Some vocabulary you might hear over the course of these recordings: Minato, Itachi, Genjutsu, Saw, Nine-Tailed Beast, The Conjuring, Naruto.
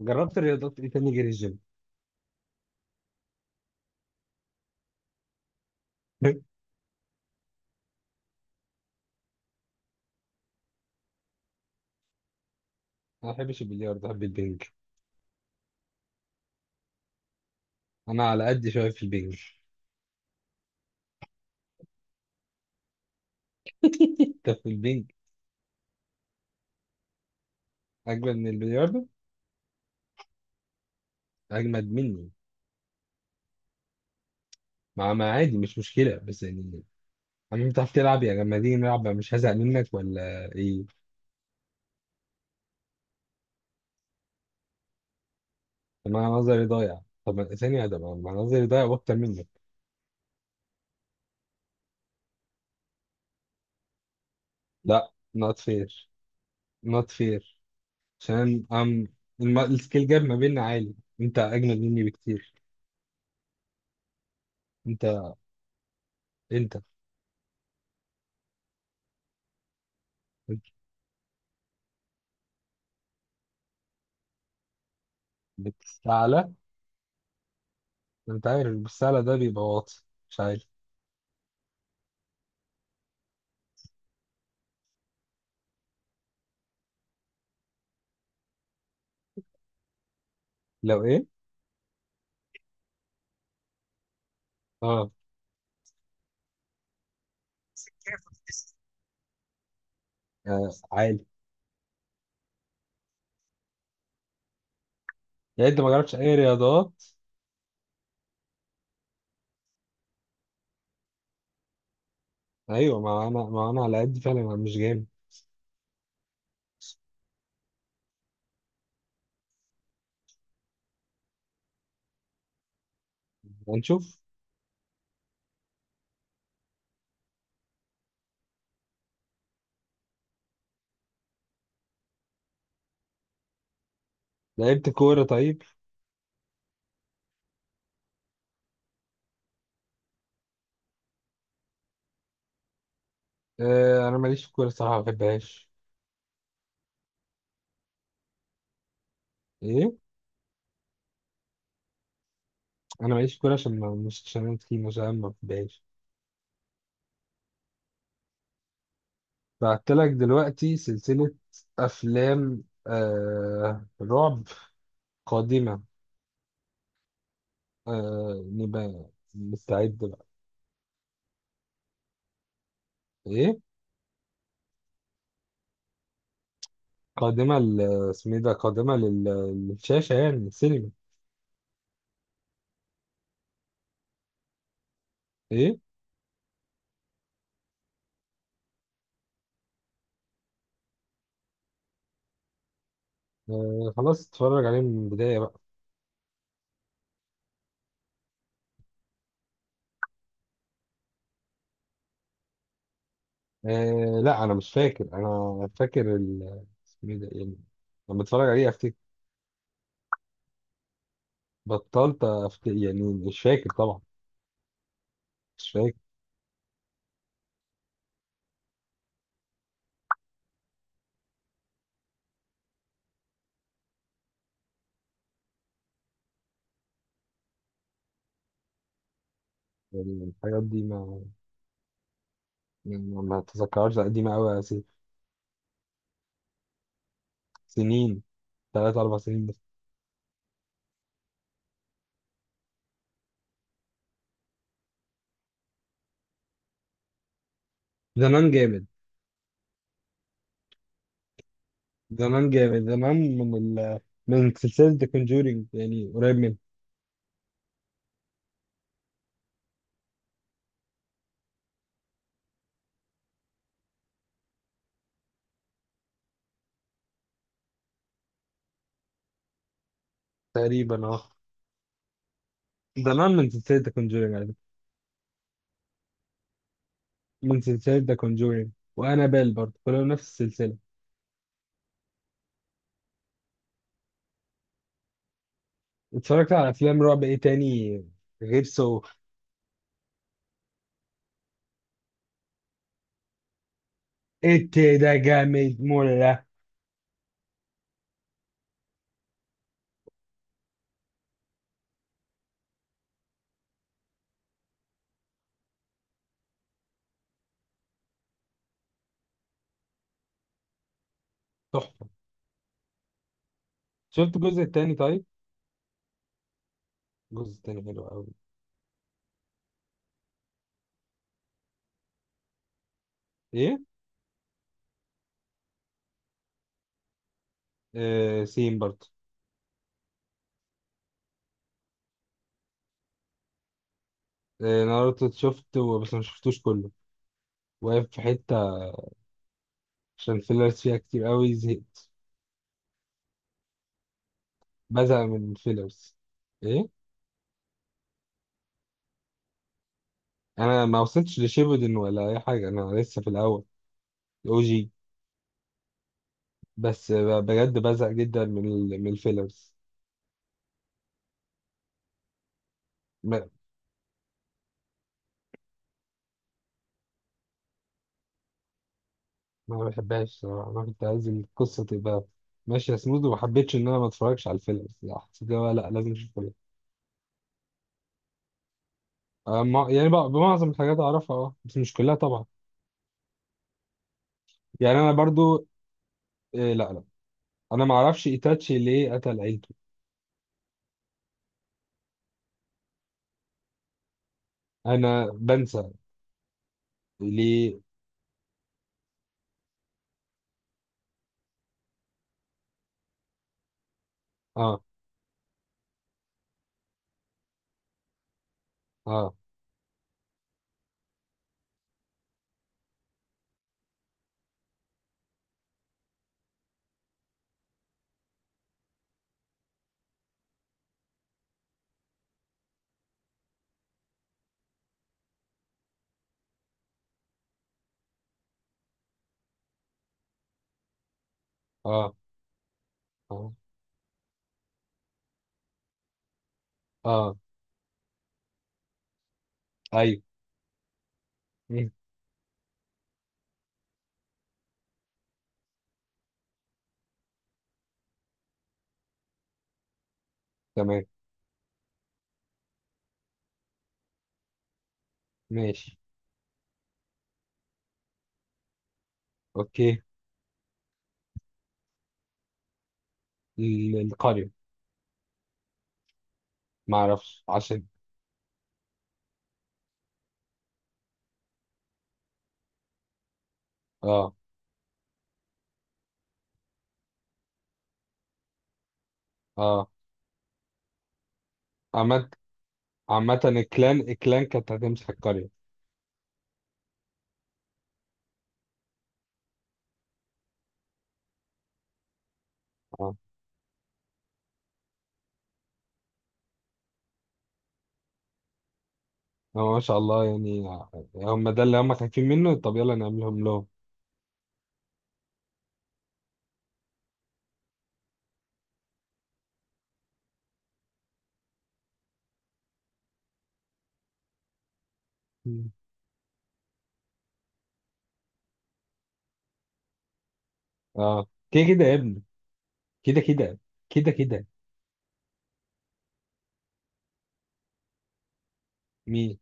جربت الرياضات ايه تاني غير الجيم؟ انا ما بحبش البلياردو، بحب البنج. انا على قد شويه في البنج. انت في البنج اجمد من البلياردو. اجمد مني. مع ما عادي، مش مشكله بس يعني. اما انت بتعرف تلعب يعني لما تيجي نلعب، مش هزهق منك ولا ايه؟ طب انا نظري ضايع، طب ثانيه، ده ما أنا نظري ضايع واكتر منك. لا نوت فير. نوت فير عشان السكيل جاب ما بيننا عالي. انت اجمد مني بكتير. انت انت بتستعلى. انت عارف السهلة ده بيبقى واطي، مش عالي. لو ايه؟ اه. آه، عالي. يعني انت ما جربتش اي رياضات. ايوه، ما انا على قد فعلا، انا مش جامد. هنشوف. لعبت كوره طيب. آه، انا ماليش في الكوره الصراحه، ما بحبهاش. ايه؟ انا ماليش في الكوره عشان ما مش عشان انا تخين، عشان أنا ما بحبهاش. بعت لك دلوقتي سلسله افلام رعب قادمه. آه، نبقى مستعد بقى. ايه؟ قادمة ل، اسمه إيه ده، قادمة للشاشة يعني السينما. إيه؟ آه، خلاص اتفرج عليه من البداية بقى. آه، لا أنا مش فاكر، أنا فاكر اسمه إيه ده يعني، لما اتفرج عليه أفتكر. بطلت أفتكر يعني، مش فاكر طبعا. مش فاكر. يعني الحاجات دي، ما يعني ما أتذكرهاش لأ، قديمة أوي. سنين. 3 4 سنين بس. زمان جامد. زمان جامد، زمان من سلسلة ذا كونجورينج يعني، قريب من. تقريبا، اه. زمان من سلسلة ذا كونجورينج. من سلسلة ذا كونجورينج وأنابيل برضه، كلهم نفس السلسلة. اتفرجت على أفلام رعب إيه تاني غير سو. إت ده جامد مولا. تحفة. شفت الجزء التاني طيب؟ الجزء التاني حلو أوي. إيه؟ آه، سيم برضه. آه، ناروتو شفته بس ما شفتوش كله. واقف في حتة عشان الفيلرز فيها كتير أوي، زهقت. بزهق من الفيلرز. إيه؟ أنا ما وصلتش لشيبودن ولا أي حاجة، أنا لسه في الأول، الأو جي. بس بجد بزهق جدا من الفيلرز. ما بحبهاش الصراحة، أنا كنت عايز القصة تبقى ماشية سموث، وما حبيتش إن أنا ما أتفرجش على الفيلم الصراحة، حسيت اللي هو لأ، لازم أشوف كلها. آه، يعني بقى بمعظم الحاجات أعرفها، أه بس مش كلها طبعا. يعني أنا برضو. إيه؟ لأ، لأ. أنا ما أعرفش إيتاتشي ليه قتل عيلته. أنا بنسى. ليه؟ أه. أه. أه. أه. أه. أيوه. مم، تمام. ماشي. أوكي. القرية. ما أعرفش عشان. أه. أه. عامة، عامة الكلان الكلان كانت هتمسح القرية. أه. هو ما شاء الله يعني. هم ده اللي هم خايفين منه، طب يلا نعملهم لهم. مم. اه، كده كده يا ابني. كده كده. كده كده. مين؟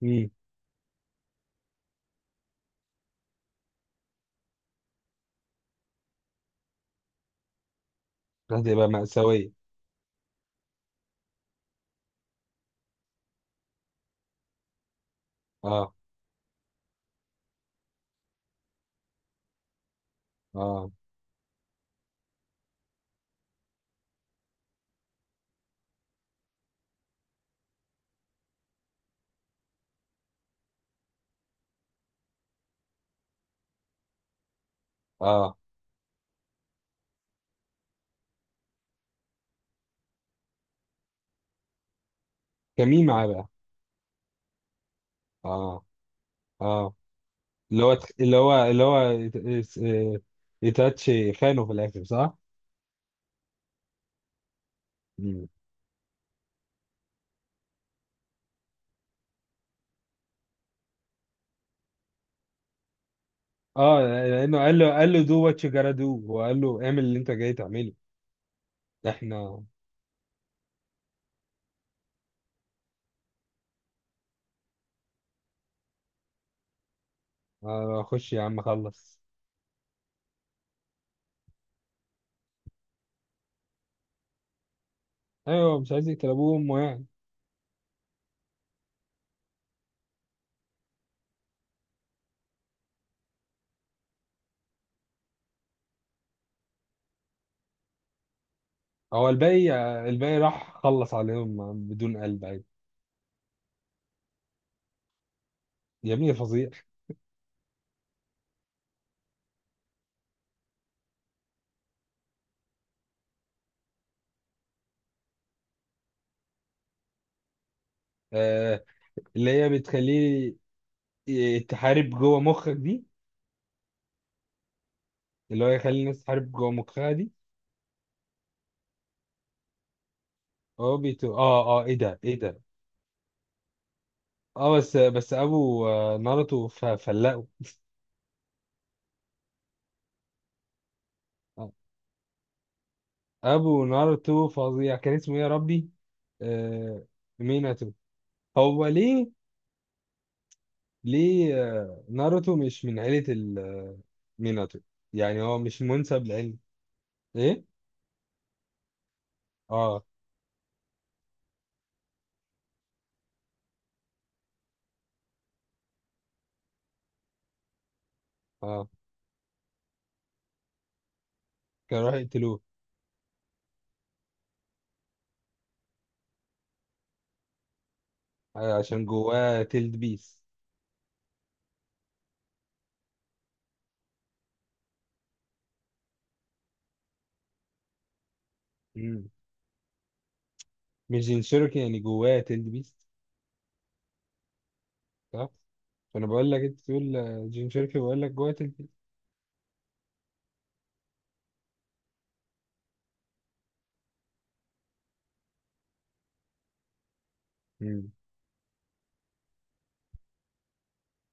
مين؟ هتبقى مأساوية. اه. اه. اه. كمين معاه بقى. اه. اه. اللي هو يتاتش خانه في الاخر، صح؟ مم. اه، لانه قال له دو وات يو جارا دو، وقال له اعمل اللي انت جاي تعمله. احنا. آه، خش يا عم، خلص. ايوه، مش عايز يقتل ابوه وامه. هو الباقي. الباقي راح خلص عليهم بدون قلب، عادي. يا ابني فظيع. آه. اللي هي بتخليه تحارب جوه مخك دي. اللي هو يخلي الناس تحارب جوه مخها دي. هو بيتو، اه، اه، ايه ده ايه ده. اه، بس ابو ناروتو فلقه. آه، ابو ناروتو فظيع، كان اسمه ايه يا ربي. آه. ميناتو. هو ليه؟ ليه؟ آه، ناروتو مش من عيلة. ميناتو. يعني هو مش منسب لعيلة. ايه؟ اه. اه. كانوا راح يقتلوه. أيوة، عشان جواه تيلد بيست. مم. مش جين شيركي يعني جواه تيلد بيست. صح. فانا بقول لك انت تقول جين شيركي، بقول لك جواه تيلد بيست. مم.